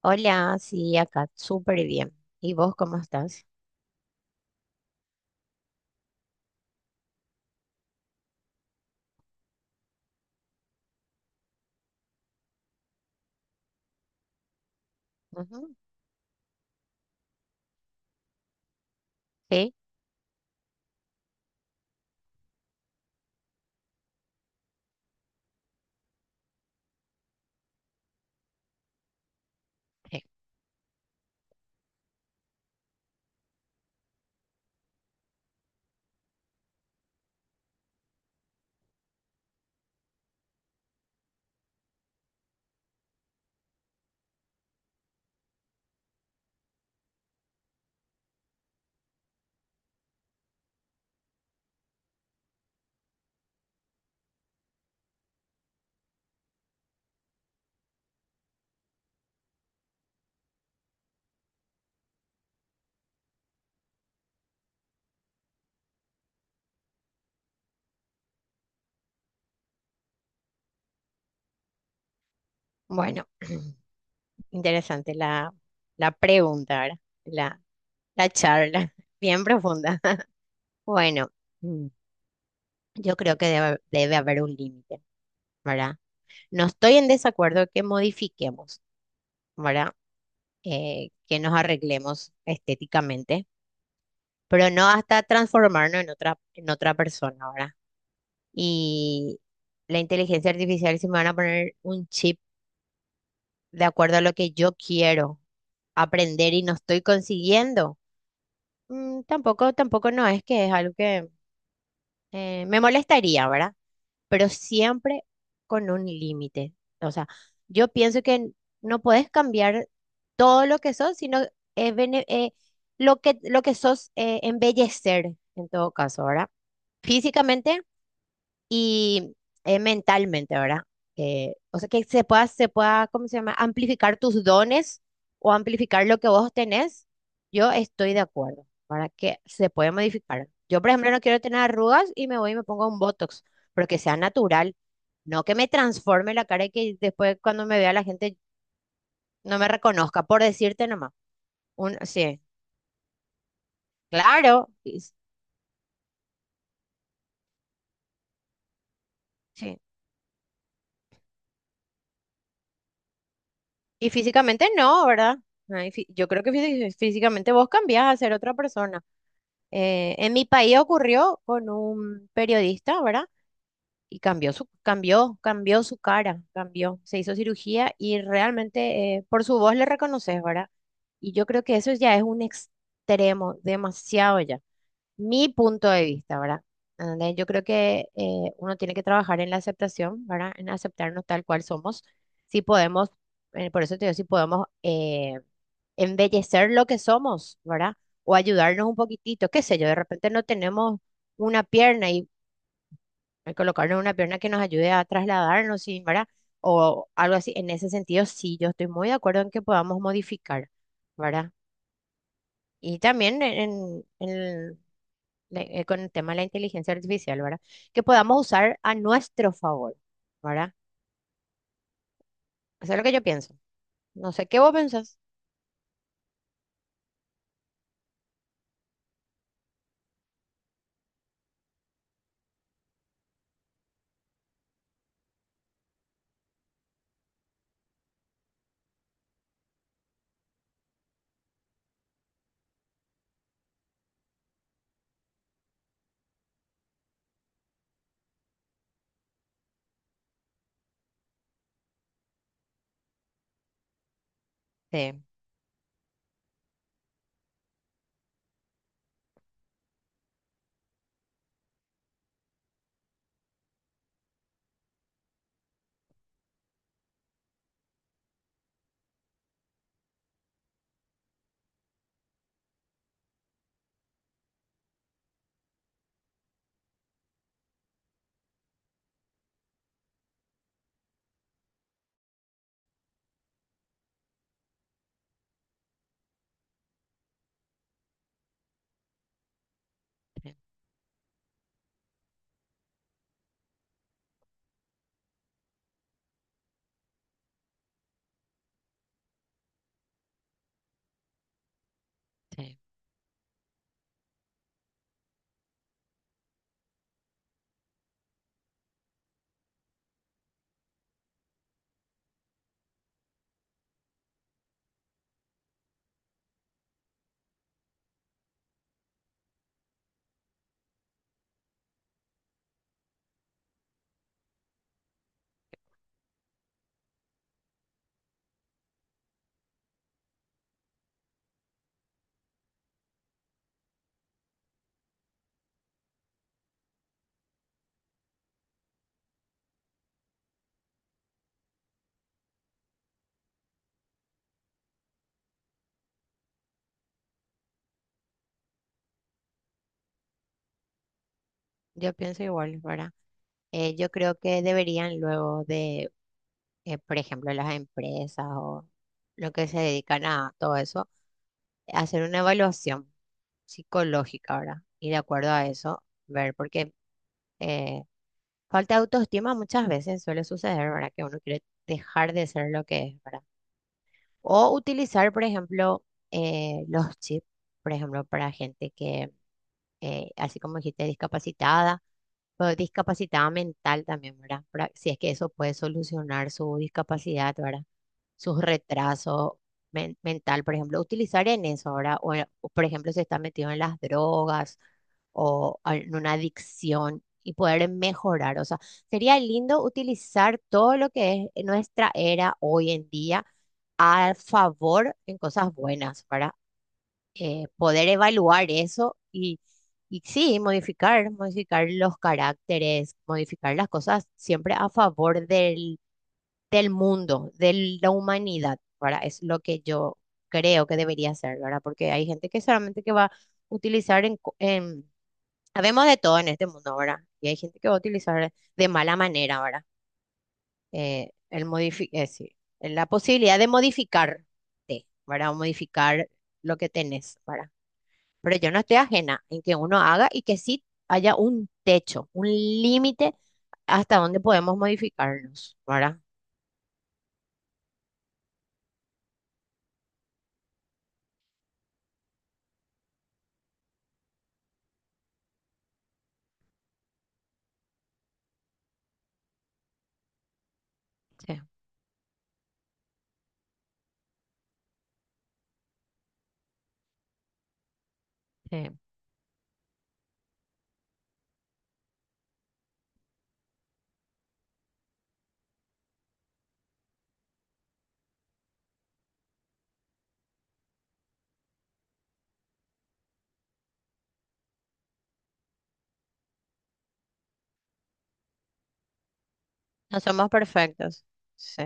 Hola, sí, acá, súper bien. ¿Y vos cómo estás? Ujú, sí, sí. Bueno, interesante la pregunta, ¿verdad? La, la charla, bien profunda. Bueno, mm, yo creo que debe haber un límite, ¿verdad? No estoy en desacuerdo que modifiquemos, ¿verdad? Que nos arreglemos estéticamente, pero no hasta transformarnos en otra persona, ¿verdad? Y la inteligencia artificial, si me van a poner un chip, de acuerdo a lo que yo quiero aprender y no estoy consiguiendo, tampoco no es que es algo que me molestaría, ¿verdad? Pero siempre con un límite. O sea, yo pienso que no puedes cambiar todo lo que sos, sino eh, bene- eh, lo lo que sos, embellecer en todo caso, ¿verdad? Físicamente y mentalmente, ¿verdad? O sea, que se pueda, ¿cómo se llama? Amplificar tus dones o amplificar lo que vos tenés, yo estoy de acuerdo, para que se puede modificar. Yo, por ejemplo, no quiero tener arrugas y me voy y me pongo un Botox, pero que sea natural, no que me transforme la cara y que después cuando me vea la gente no me reconozca, por decirte nomás. Sí, claro, sí. Y físicamente no, ¿verdad? Ay, yo creo que físicamente vos cambiás a ser otra persona. En mi país ocurrió con un periodista, ¿verdad? Y cambió su cara, cambió, se hizo cirugía y realmente por su voz le reconoces, ¿verdad? Y yo creo que eso ya es un extremo, demasiado ya mi punto de vista, ¿verdad? ¿Entendés? Yo creo que uno tiene que trabajar en la aceptación, ¿verdad? En aceptarnos tal cual somos. Si podemos, por eso te digo, si podemos embellecer lo que somos, ¿verdad? O ayudarnos un poquitito, qué sé yo, de repente no tenemos una pierna y colocarnos una pierna que nos ayude a trasladarnos, sí, ¿verdad? O algo así. En ese sentido, sí, yo estoy muy de acuerdo en que podamos modificar, ¿verdad? Y también con el tema de la inteligencia artificial, ¿verdad? Que podamos usar a nuestro favor, ¿verdad? Eso es lo que yo pienso. No sé qué vos pensás. Sí, sí. Yo pienso igual, ¿verdad? Yo creo que deberían, por ejemplo, las empresas o lo que se dedican a todo eso, hacer una evaluación psicológica, ¿verdad? Y de acuerdo a eso, ver, porque eh, falta de autoestima muchas veces suele suceder, ¿verdad? Que uno quiere dejar de ser lo que es, ¿verdad? O utilizar, por ejemplo, los chips, por ejemplo, para gente que, así como dijiste, discapacitada, o discapacitada mental también, ¿verdad? Si es que eso puede solucionar su discapacidad, ¿verdad? Sus retrasos mental, por ejemplo, utilizar en eso, ¿verdad? O, por ejemplo, si está metido en las drogas en una adicción y poder mejorar. O sea, sería lindo utilizar todo lo que es nuestra era hoy en día a favor en cosas buenas, para poder evaluar eso y sí, modificar los caracteres, modificar las cosas siempre a favor del, del mundo, de la humanidad, para. Es lo que yo creo que debería ser, ¿verdad? Porque hay gente que solamente que va a utilizar sabemos de todo en este mundo, ¿verdad? Y hay gente que va a utilizar de mala manera, ¿verdad? Sí, la posibilidad de modificarte, ¿verdad? O modificar lo que tenés, ¿verdad? Pero yo no estoy ajena en que uno haga y que sí haya un techo, un límite hasta donde podemos modificarnos, ¿verdad? Sí, sí. No somos perfectos. Sí,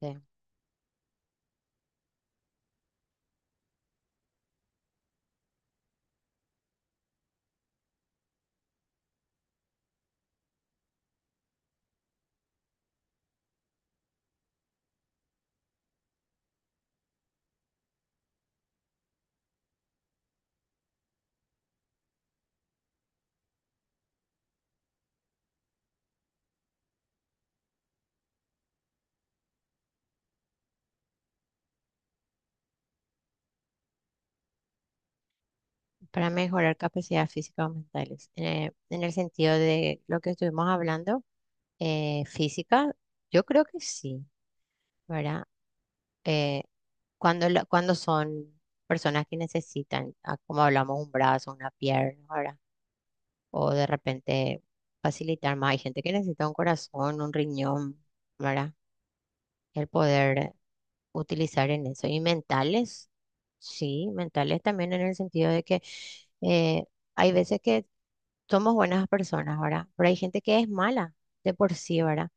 sí. Para mejorar capacidades físicas o mentales. En el sentido de lo que estuvimos hablando, física, yo creo que sí, ¿verdad? Eh, cuando son personas que necesitan, ah, como hablamos, un brazo, una pierna, ¿verdad? O de repente facilitar más. Hay gente que necesita un corazón, un riñón, ¿verdad? El poder utilizar en eso. Y mentales, sí, mentales también en el sentido de que eh, hay veces que somos buenas personas, ¿verdad? Pero hay gente que es mala de por sí, ¿verdad?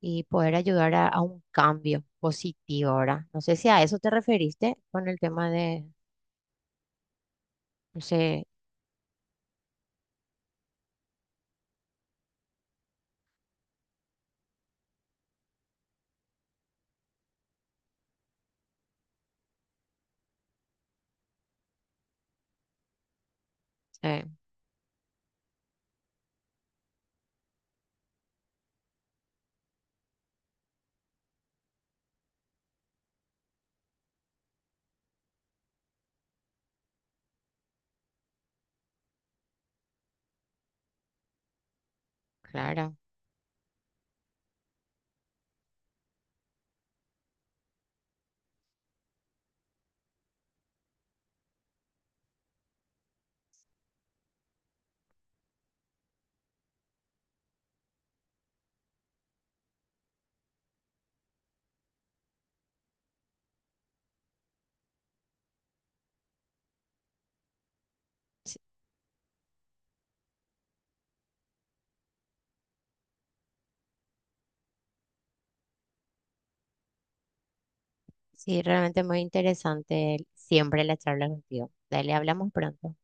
Y poder ayudar a un cambio positivo, ¿verdad? No sé si a eso te referiste con el tema de. Sí, sí, claro. Sí, sí, realmente muy interesante siempre la charla contigo. Dale, hablamos pronto.